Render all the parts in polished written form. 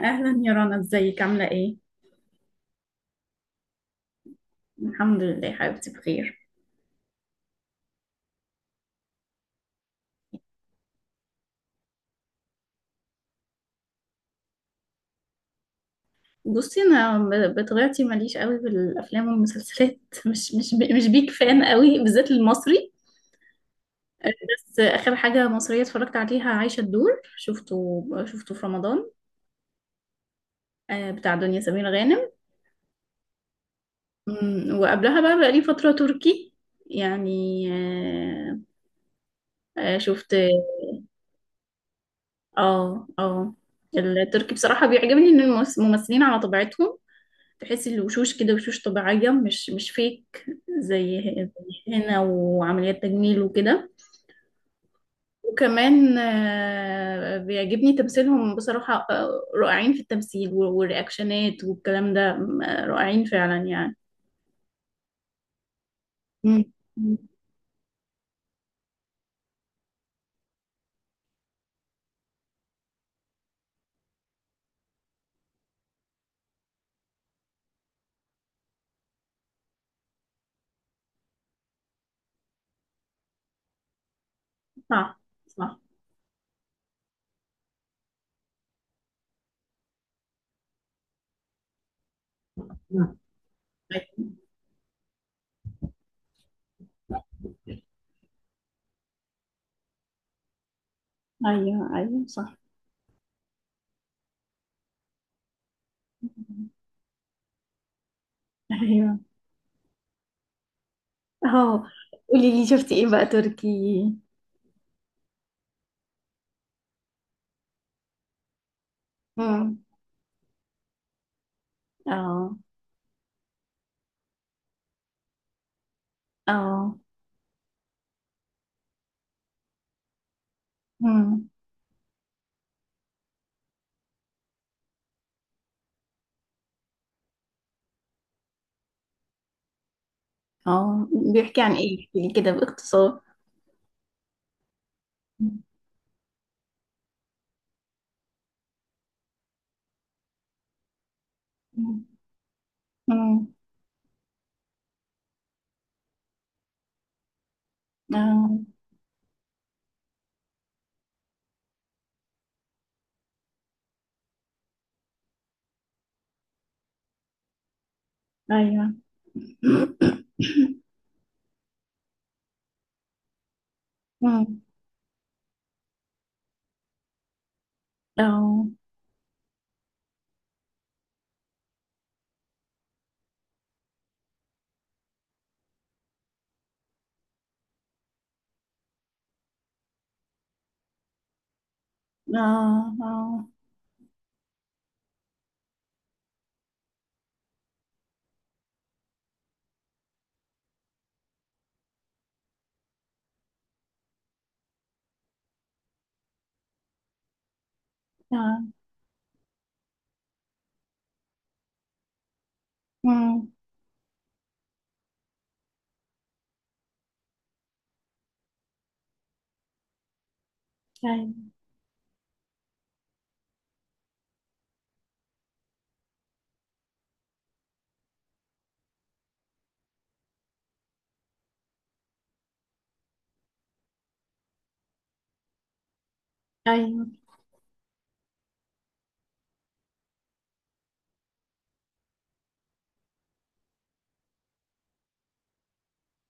اهلا يا رنا، ازيك؟ عامله ايه؟ الحمد لله حبيبتي بخير. بصي، انا بطبيعتي ماليش قوي بالافلام والمسلسلات. مش بيك فان قوي، بالذات المصري. بس اخر حاجه مصريه اتفرجت عليها عايشه الدور، شفته في رمضان. بتاع دنيا سمير غانم. وقبلها بقى لي فتره تركي، يعني. آه، شفت. اه، اه. التركي بصراحه بيعجبني ان الممثلين على طبيعتهم، تحسي الوشوش كده وشوش طبيعية، مش فيك. زي ه- زي هنا وعمليات تجميل وكده. وكمان بيعجبني تمثيلهم بصراحة. رائعين في التمثيل والرياكشنات والكلام ده رائعين فعلا، يعني. مم. مم. صح، صح. نعم. ايوه، ايوه، صح. ايوه. اهو، قولي لي، شفتي ايه بقى تركي؟ امم. اه، اه. امم. اه. بيحكي عن ايه؟ احكي لي كده باختصار. مم. مم. آه. أيوة. مم. أو. آه. آه. آه. مم. أيوة، أيوة،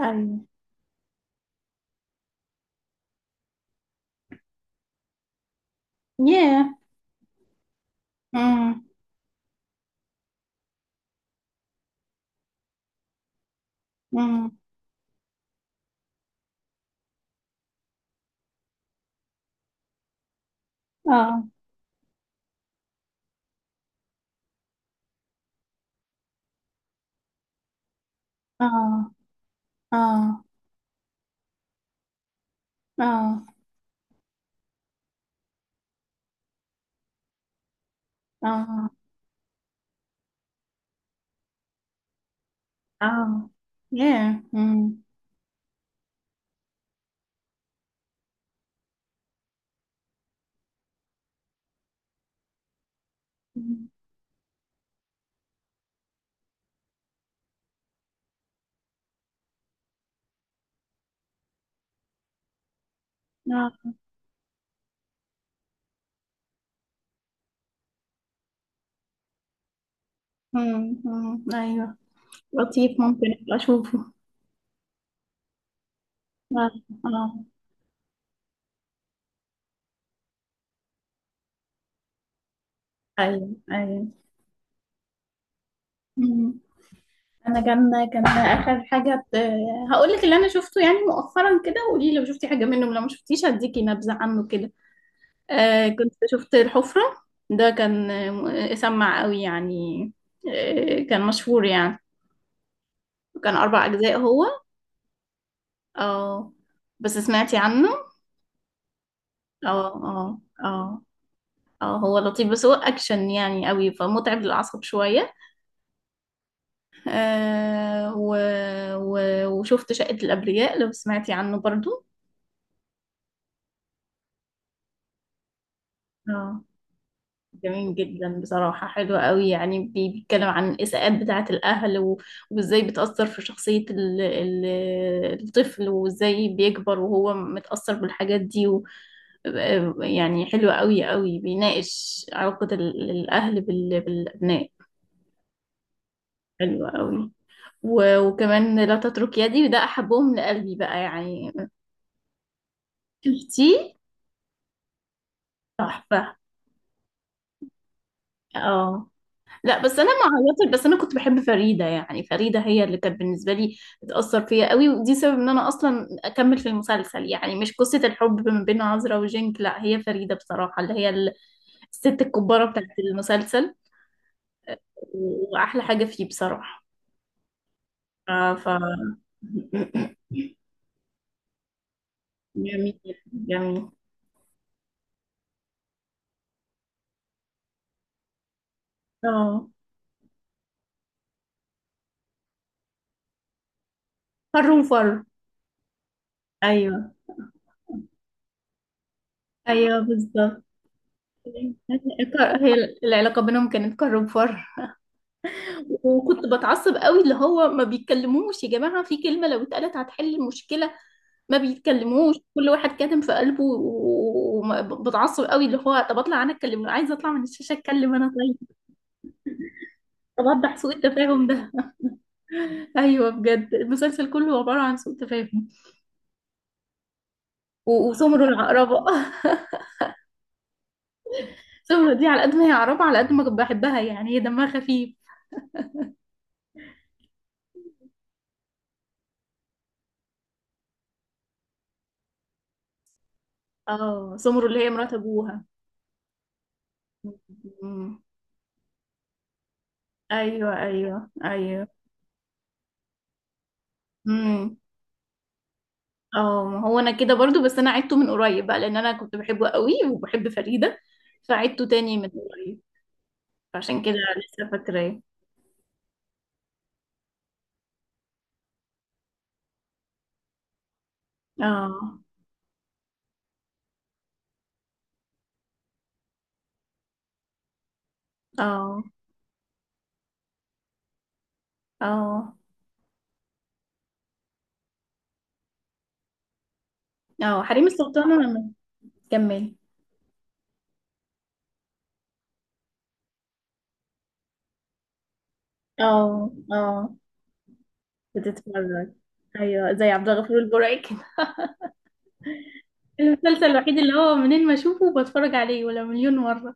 أيوة. ياه. مم. مم. آه. آه. آه. آه. آه. آه. ياه. مم. مم. آه. مم. مم. أيوة. لطيف، ممكن أبقى أشوفه. آه، آه. أيوة، أيوة. مم. انا كان اخر حاجه هقول لك اللي انا شفته يعني مؤخرا، كده. وقولي لي لو شفتي حاجه منه، لو ما شفتيش هديكي نبذه عنه كده. آه، كنت شفت الحفره. ده كان سمع قوي، يعني. آه، كان مشهور يعني. كان اربع اجزاء هو. اه. بس سمعتي عنه؟ اه، اه، اه، اه. هو لطيف، بس هو اكشن يعني قوي، فمتعب للاعصاب شويه. آه و و وشفت شقه الابرياء، لو سمعتي عنه برضو. اه. جميل جدا بصراحة، حلو قوي. يعني بيتكلم عن الإساءات بتاعة الأهل، وإزاي بتأثر في شخصية الطفل، وإزاي بيكبر وهو متأثر بالحاجات دي، و يعني حلو قوي قوي، بيناقش علاقة الأهل بالأبناء. حلو قوي. وكمان لا تترك يدي، وده أحبهم لقلبي بقى يعني. شفتيه؟ تحفة. اه. لا، بس انا ما عيطت. بس انا كنت بحب فريده، يعني فريده هي اللي كانت بالنسبه لي بتاثر فيا قوي، ودي سبب ان انا اصلا اكمل في المسلسل، يعني مش قصه الحب ما بين عذرا وجينك، لا هي فريده بصراحه اللي هي الست الكباره بتاعت المسلسل. واحلى حاجه فيه بصراحه. ف جميل، جميل. اه، فر وفر. ايوه، ايوه بالظبط. هي العلاقه بينهم كانت كر وفر. وكنت بتعصب قوي، اللي هو ما بيتكلموش. يا جماعة، في كلمة لو اتقالت هتحل المشكلة. ما بيتكلموش، كل واحد كاتم في قلبه، وبتعصب قوي اللي هو طب اطلع انا اتكلم، لو عايزة اطلع من الشاشة اتكلم انا، طيب. طب اوضح سوء التفاهم ده. ايوه، بجد المسلسل كله عبارة عن سوء تفاهم. وسمر العقربة. سمر دي على قد ما هي عقربة، على قد ما كنت بحبها، يعني هي دمها خفيف. اه، سمر اللي هي مرات ابوها. أمم. ايوه، ايوه، ايوه. مم. اه، ما هو انا كده برضو، بس انا عدته من قريب بقى، لان انا كنت بحبه قوي وبحب فريدة، فعدته تاني من قريب. عشان كده لسه فاكراه. اه، اه، اه، اه. حريم السلطان لما كمل. اه، اه، بتتفرج؟ ايوه، زي عبد الغفور البرعي كده. المسلسل الوحيد اللي هو منين ما اشوفه بتفرج عليه ولا مليون مرة،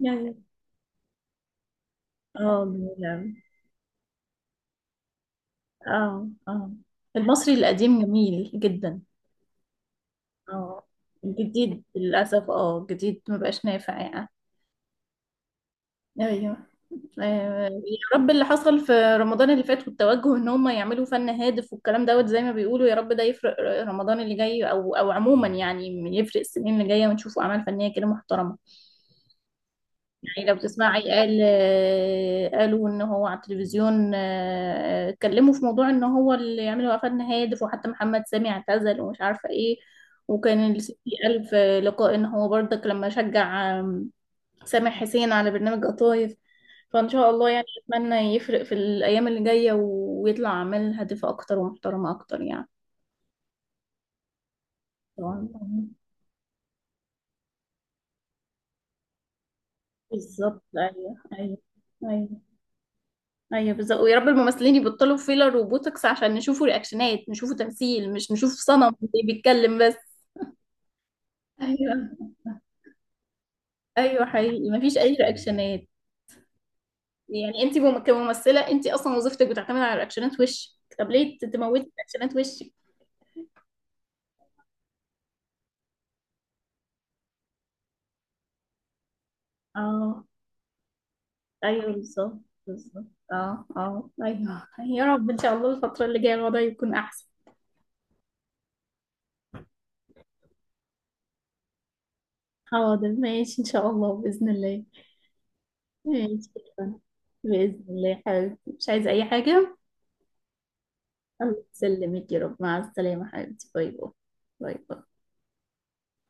يعني. اه، جميل أوي. اه، اه. المصري القديم جميل جدا. اه، جديد للأسف، اه جديد مبقاش نافع يعني. ايوه. يا رب اللي حصل في رمضان اللي فات، والتوجه ان هم يعملوا فن هادف والكلام دوت زي ما بيقولوا، يا رب ده يفرق. رمضان اللي جاي او عموما يعني، يفرق السنين اللي جايه ونشوفوا اعمال فنيه كده محترمه يعني. لو تسمعي، قال قالوا ان هو على التلفزيون اتكلموا في موضوع ان هو اللي يعملوا قفلنا هادف، وحتى محمد سامي اعتزل، ومش عارفه ايه. وكان الستي قال في لقاء ان هو برضك لما شجع سامح حسين على برنامج قطايف. فان شاء الله يعني، اتمنى يفرق في الايام اللي جايه ويطلع اعمال هادفه اكتر ومحترمه اكتر يعني. طبعاً. بالظبط، ايوه، ايوه، ايوه. ايوه، بالظبط. ويا رب الممثلين يبطلوا فيلر وبوتوكس، عشان نشوفوا رياكشنات، نشوفوا تمثيل، مش نشوف صنم اللي بيتكلم بس. ايوه، ايوه، حقيقي مفيش اي رياكشنات. يعني انت كممثله انت اصلا وظيفتك بتعتمد على رياكشنات وشك. طب ليه تموتي رياكشنات وشك؟ اه، ايوه، بالظبط، بالظبط. اه، اه، ايوه، يا رب ان شاء الله الفتره اللي جايه الوضع يكون احسن. حاضر، ماشي ان شاء الله باذن الله. ماشي، شكراً. باذن الله يا حبيبتي، مش عايزه اي حاجه. الله يسلمك، يا رب، مع السلامة حبيبتي، باي باي. باي باي.